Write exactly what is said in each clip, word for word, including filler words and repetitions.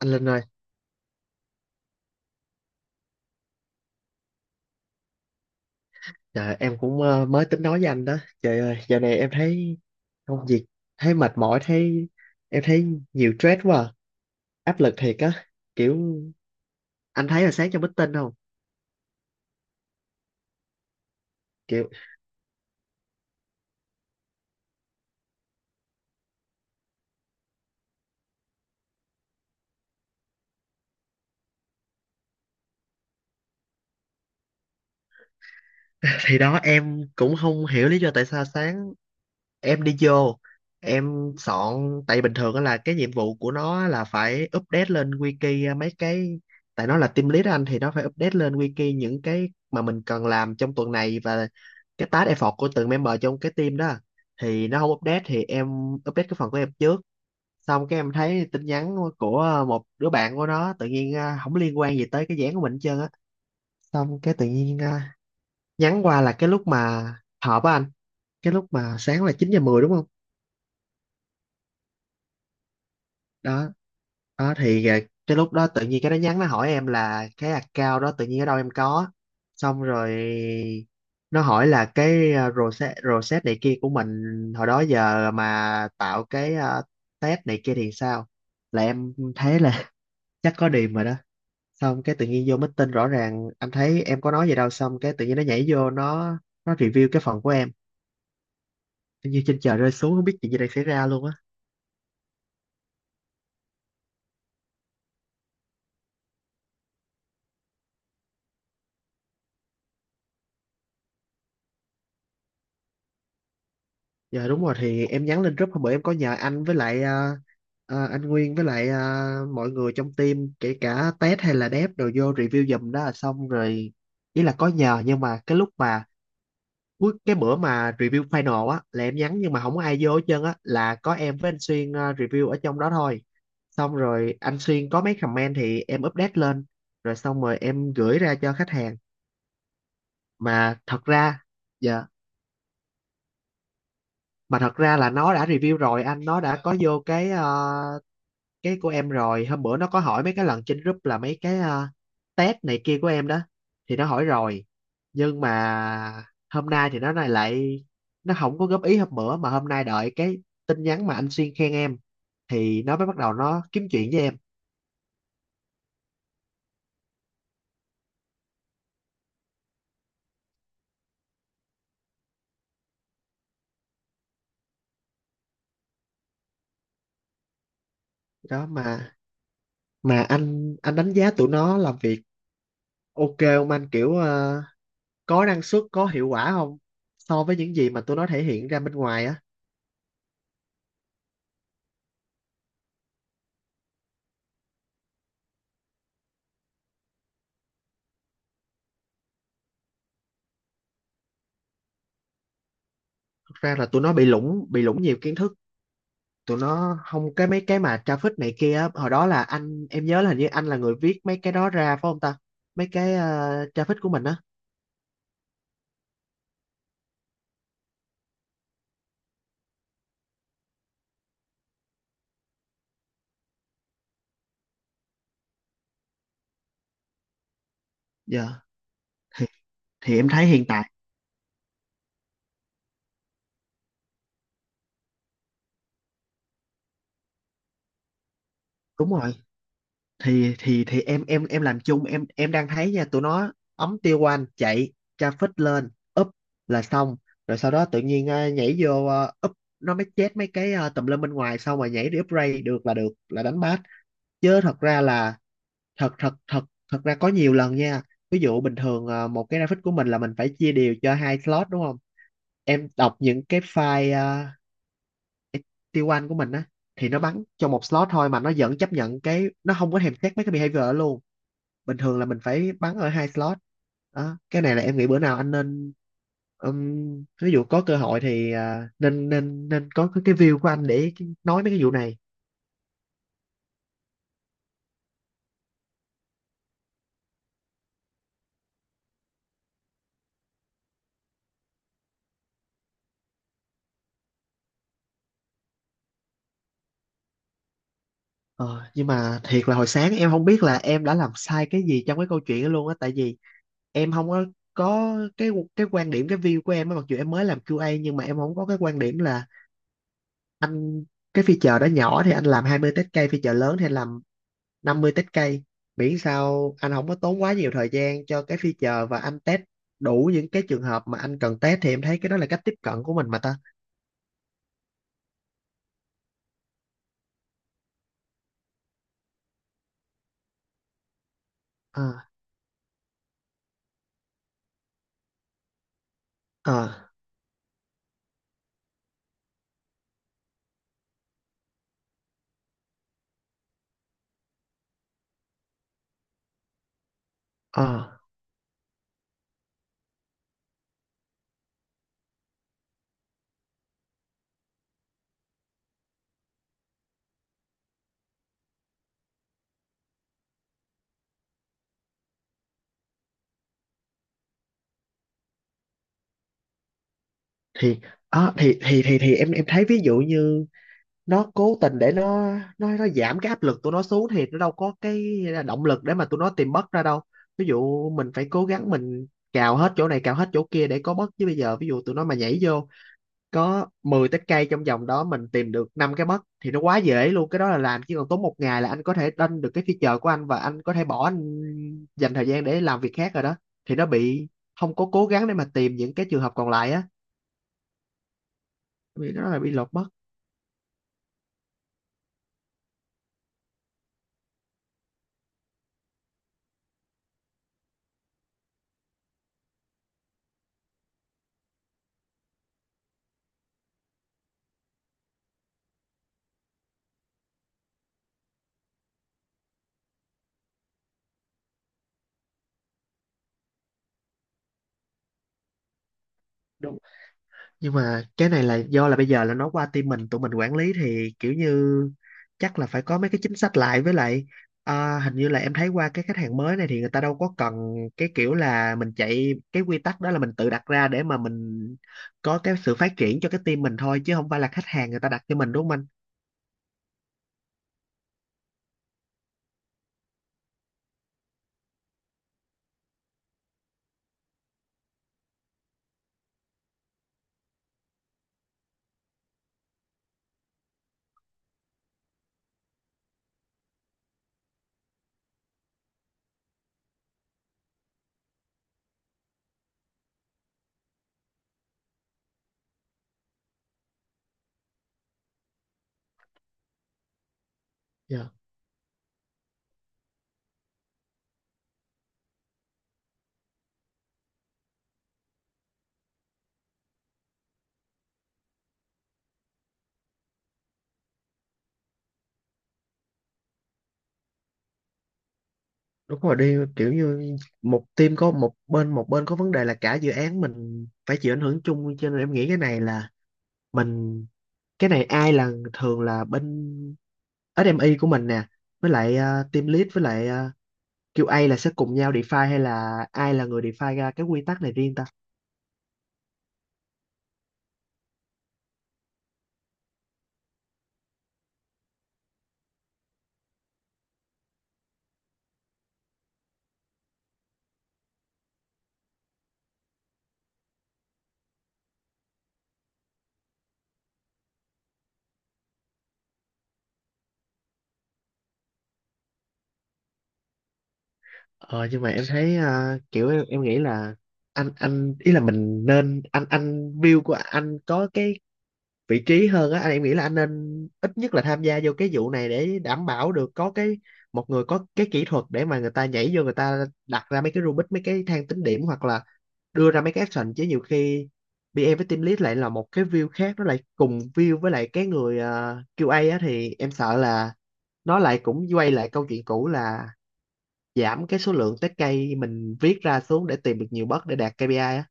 Anh Linh ơi, trời, em cũng ờ, mới tính nói với anh đó. Trời ơi, giờ này em thấy công việc, thấy mệt mỏi, thấy em thấy nhiều stress quá, à. áp lực thiệt á. Kiểu anh thấy là sáng trong meeting không? Kiểu thì đó em cũng không hiểu lý do tại sao sáng em đi vô, em soạn. Tại bình thường á là cái nhiệm vụ của nó là phải update lên wiki ờ, mấy cái, tại nó là team lead anh, thì nó phải update lên wiki những cái mà mình cần làm trong tuần này và cái task effort của từng member trong cái team đó. Thì nó không update thì em update cái phần của em trước. Xong cái em thấy tin nhắn của một đứa bạn của nó tự nhiên à, không liên quan gì tới cái dự án của mình hết trơn á. Xong cái tự nhiên à, nhắn qua là cái lúc mà họp á anh, cái lúc mà sáng là chín giờ mười đúng không? Đó, đó thì à, cái lúc đó tự nhiên cái nó nhắn, nó hỏi em là cái account đó tự nhiên ở đâu em có. Xong rồi nó hỏi là cái à, rosette rosette này kia của mình hồi đó giờ mà tạo cái à, test này kia thì sao. Là em thấy là chắc có điểm rồi đó. Xong cái tự nhiên vô meeting, rõ ràng anh thấy em có nói gì đâu, xong cái tự nhiên nó nhảy vô, nó nó review cái phần của em. Tự nhiên trên trời rơi xuống, không biết chuyện gì đang xảy ra luôn á. Dạ đúng rồi, thì em nhắn lên group hôm bữa, em có nhờ anh với lại ờ, ờ, anh Nguyên với lại ờ, mọi người trong team, kể cả Tết hay là Đép đều vô review giùm đó, là xong rồi. Ý là có nhờ, nhưng mà cái lúc mà cuối cái bữa mà review final á là em nhắn nhưng mà không có ai vô hết trơn á, là có em với anh Xuyên ờ, review ở trong đó thôi. Xong rồi anh Xuyên có mấy comment thì em update lên, rồi xong rồi em gửi ra cho khách hàng. Mà thật ra, dạ, mà thật ra là nó đã review rồi anh, nó đã có vô cái ờ, cái của em rồi. Hôm bữa nó có hỏi mấy cái lần trên group là mấy cái ờ, test này kia của em đó, thì nó hỏi rồi. Nhưng mà hôm nay thì nó này lại, nó không có góp ý hôm bữa mà hôm nay đợi cái tin nhắn mà anh Xuyên khen em thì nó mới bắt đầu nó kiếm chuyện với em đó. mà mà anh anh đánh giá tụi nó làm việc ok không anh, kiểu ờ, có năng suất, có hiệu quả không, so với những gì mà tụi nó thể hiện ra bên ngoài á? Thật ra là tụi nó bị lủng, bị lủng nhiều kiến thức. Tụi nó không, cái mấy cái mà traffic này kia á, hồi đó là anh, em nhớ là hình như anh là người viết mấy cái đó ra phải không ta? Mấy cái ờ, traffic của mình á. Dạ thì thì em thấy hiện tại, đúng rồi, thì thì thì em em em làm chung, em em đang thấy nha, tụi nó ống tiêu quan chạy traffic lên, up là xong. Rồi sau đó tự nhiên ờ, nhảy vô ờ, up, nó mới chết mấy cái ờ, tùm lum bên ngoài, xong rồi nhảy đi upgrade, được là được, là đánh bát. Chứ thật ra là, thật thật thật thật ra có nhiều lần nha. Ví dụ bình thường à, một cái graphic của mình là mình phải chia đều cho hai slot đúng không? Em đọc những cái file à, tê một của mình á, thì nó bắn cho một slot thôi mà nó vẫn chấp nhận, cái nó không có thèm xét mấy cái behavior ở luôn. Bình thường là mình phải bắn ở hai slot đó. Cái này là em nghĩ bữa nào anh nên, ừm, ví dụ có cơ hội thì à, nên nên nên có cái cái view của anh để nói mấy cái vụ này. Ờ, nhưng mà thiệt là hồi sáng em không biết là em đã làm sai cái gì trong cái câu chuyện đó luôn á, tại vì em không có, có cái cái quan điểm, cái view của em á, mặc dù em mới làm quy a nhưng mà em không có cái quan điểm là anh, cái feature đó nhỏ thì anh làm hai mươi test case, feature lớn thì anh làm năm mươi test case, miễn sao anh không có tốn quá nhiều thời gian cho cái feature và anh test đủ những cái trường hợp mà anh cần test, thì em thấy cái đó là cách tiếp cận của mình mà ta. ờ ờ ờ thì ờ, thì thì thì thì em em thấy ví dụ như nó cố tình để nó, nó nó giảm cái áp lực tụi nó xuống thì nó đâu có cái động lực để mà tụi nó tìm bất ra đâu. Ví dụ mình phải cố gắng, mình cào hết chỗ này, cào hết chỗ kia để có bất, chứ bây giờ ví dụ tụi nó mà nhảy vô có mười tép cây trong vòng đó, mình tìm được năm cái bất thì nó quá dễ luôn. Cái đó là làm chỉ còn tốn một ngày là anh có thể lên được cái feature của anh và anh có thể bỏ anh, dành thời gian để làm việc khác rồi đó. Thì nó bị không có cố gắng để mà tìm những cái trường hợp còn lại á, vì nó là bị lột mất. Nhưng mà cái này là do là bây giờ là nó qua team mình, tụi mình quản lý thì kiểu như chắc là phải có mấy cái chính sách lại, với lại à, hình như là em thấy qua cái khách hàng mới này thì người ta đâu có cần, cái kiểu là mình chạy cái quy tắc đó là mình tự đặt ra để mà mình có cái sự phát triển cho cái team mình thôi, chứ không phải là khách hàng người ta đặt cho mình, đúng không anh? Dạ. Đúng rồi đi, kiểu như một team có một bên, một bên có vấn đề là cả dự án mình phải chịu ảnh hưởng chung, cho nên em nghĩ cái này là mình, cái này ai là, thường là bên ét em e của mình nè, với lại ờ, team lead với lại ờ, kiu ây là sẽ cùng nhau define, hay là ai là người define ra cái quy tắc này riêng ta? ờ nhưng mà em thấy ờ, kiểu em, em nghĩ là anh anh ý là mình nên, anh anh view của anh có cái vị trí hơn á anh, em nghĩ là anh nên ít nhất là tham gia vô cái vụ này để đảm bảo được có cái một người có cái kỹ thuật, để mà người ta nhảy vô, người ta đặt ra mấy cái Rubik, mấy cái thang tính điểm, hoặc là đưa ra mấy cái action. Chứ nhiều khi pê em với team lead lại là một cái view khác, nó lại cùng view với lại cái người ờ, quy a á, thì em sợ là nó lại cũng quay lại câu chuyện cũ là giảm cái số lượng test case mình viết ra xuống để tìm được nhiều bug để đạt ca pê i á.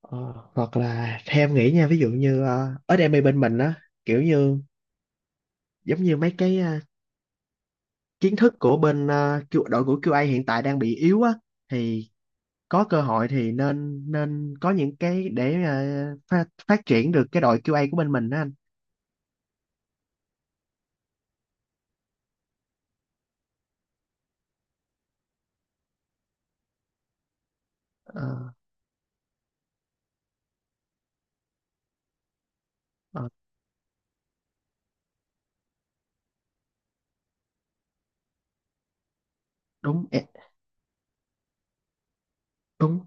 Ờ, hoặc là theo em nghĩ nha, ví dụ như ờ, ở đây bên mình á, kiểu như giống như mấy cái ờ, kiến thức của bên ờ, Q- đội của kiu ây hiện tại đang bị yếu á, thì có cơ hội thì nên nên có những cái để ờ, phát, phát triển được cái đội quy a của bên mình đó anh. Ờ, ờ, đúng ẹ, đúng,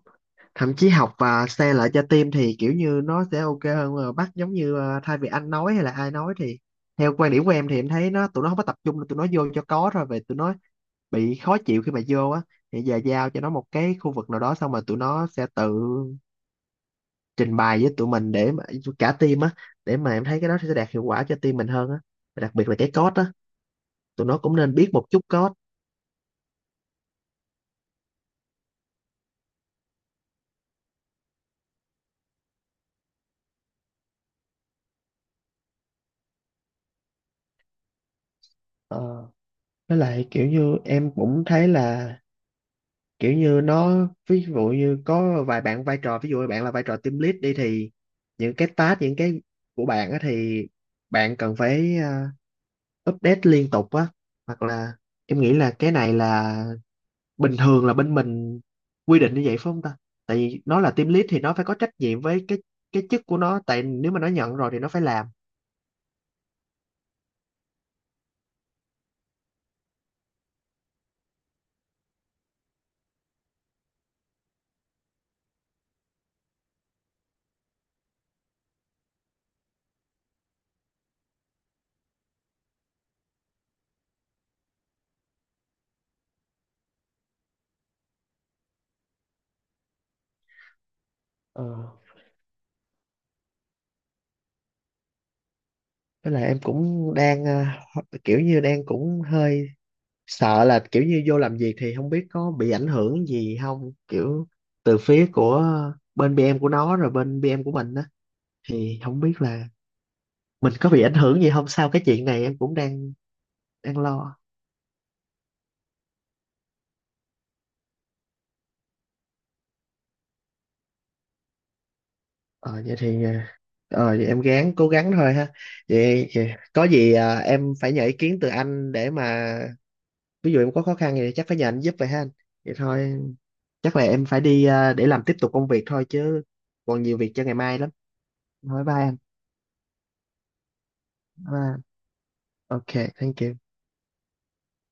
thậm chí học và share lại cho team thì kiểu như nó sẽ ok hơn, mà bắt giống như ờ, thay vì anh nói hay là ai nói thì theo quan điểm của em thì em thấy nó, tụi nó không có tập trung, tụi nó vô cho có thôi. Về tụi nó bị khó chịu khi mà vô á, thì giờ giao cho nó một cái khu vực nào đó xong rồi tụi nó sẽ tự trình bày với tụi mình để mà cả team á, để mà em thấy cái đó sẽ đạt hiệu quả cho team mình hơn á, đặc biệt là cái code á, tụi nó cũng nên biết một chút code. Ờ, với lại kiểu như em cũng thấy là kiểu như nó, ví dụ như có vài bạn vai trò, ví dụ bạn là vai trò team lead đi, thì những cái task, những cái của bạn á thì bạn cần phải à, update liên tục á. Hoặc là em nghĩ là cái này là bình thường là bên mình quy định như vậy phải không ta, tại vì nó là team lead thì nó phải có trách nhiệm với cái cái chức của nó, tại nếu mà nó nhận rồi thì nó phải làm. Ờ. Với lại em cũng đang ờ, kiểu như đang cũng hơi sợ là kiểu như vô làm việc thì không biết có bị ảnh hưởng gì không, kiểu từ phía của bên bê em của nó rồi bên bê em của mình á, thì không biết là mình có bị ảnh hưởng gì không sau cái chuyện này, em cũng đang đang lo. ờ Vậy thì ờ ờ, vậy em gắng, cố gắng thôi ha. Vậy, vậy có gì ờ, em phải nhờ ý kiến từ anh để mà ví dụ em có khó khăn gì thì chắc phải nhờ anh giúp vậy ha anh. Vậy thôi, chắc là em phải đi à, để làm tiếp tục công việc thôi chứ, còn nhiều việc cho ngày mai lắm. Nói bye anh. Bye anh. Ok, thank you.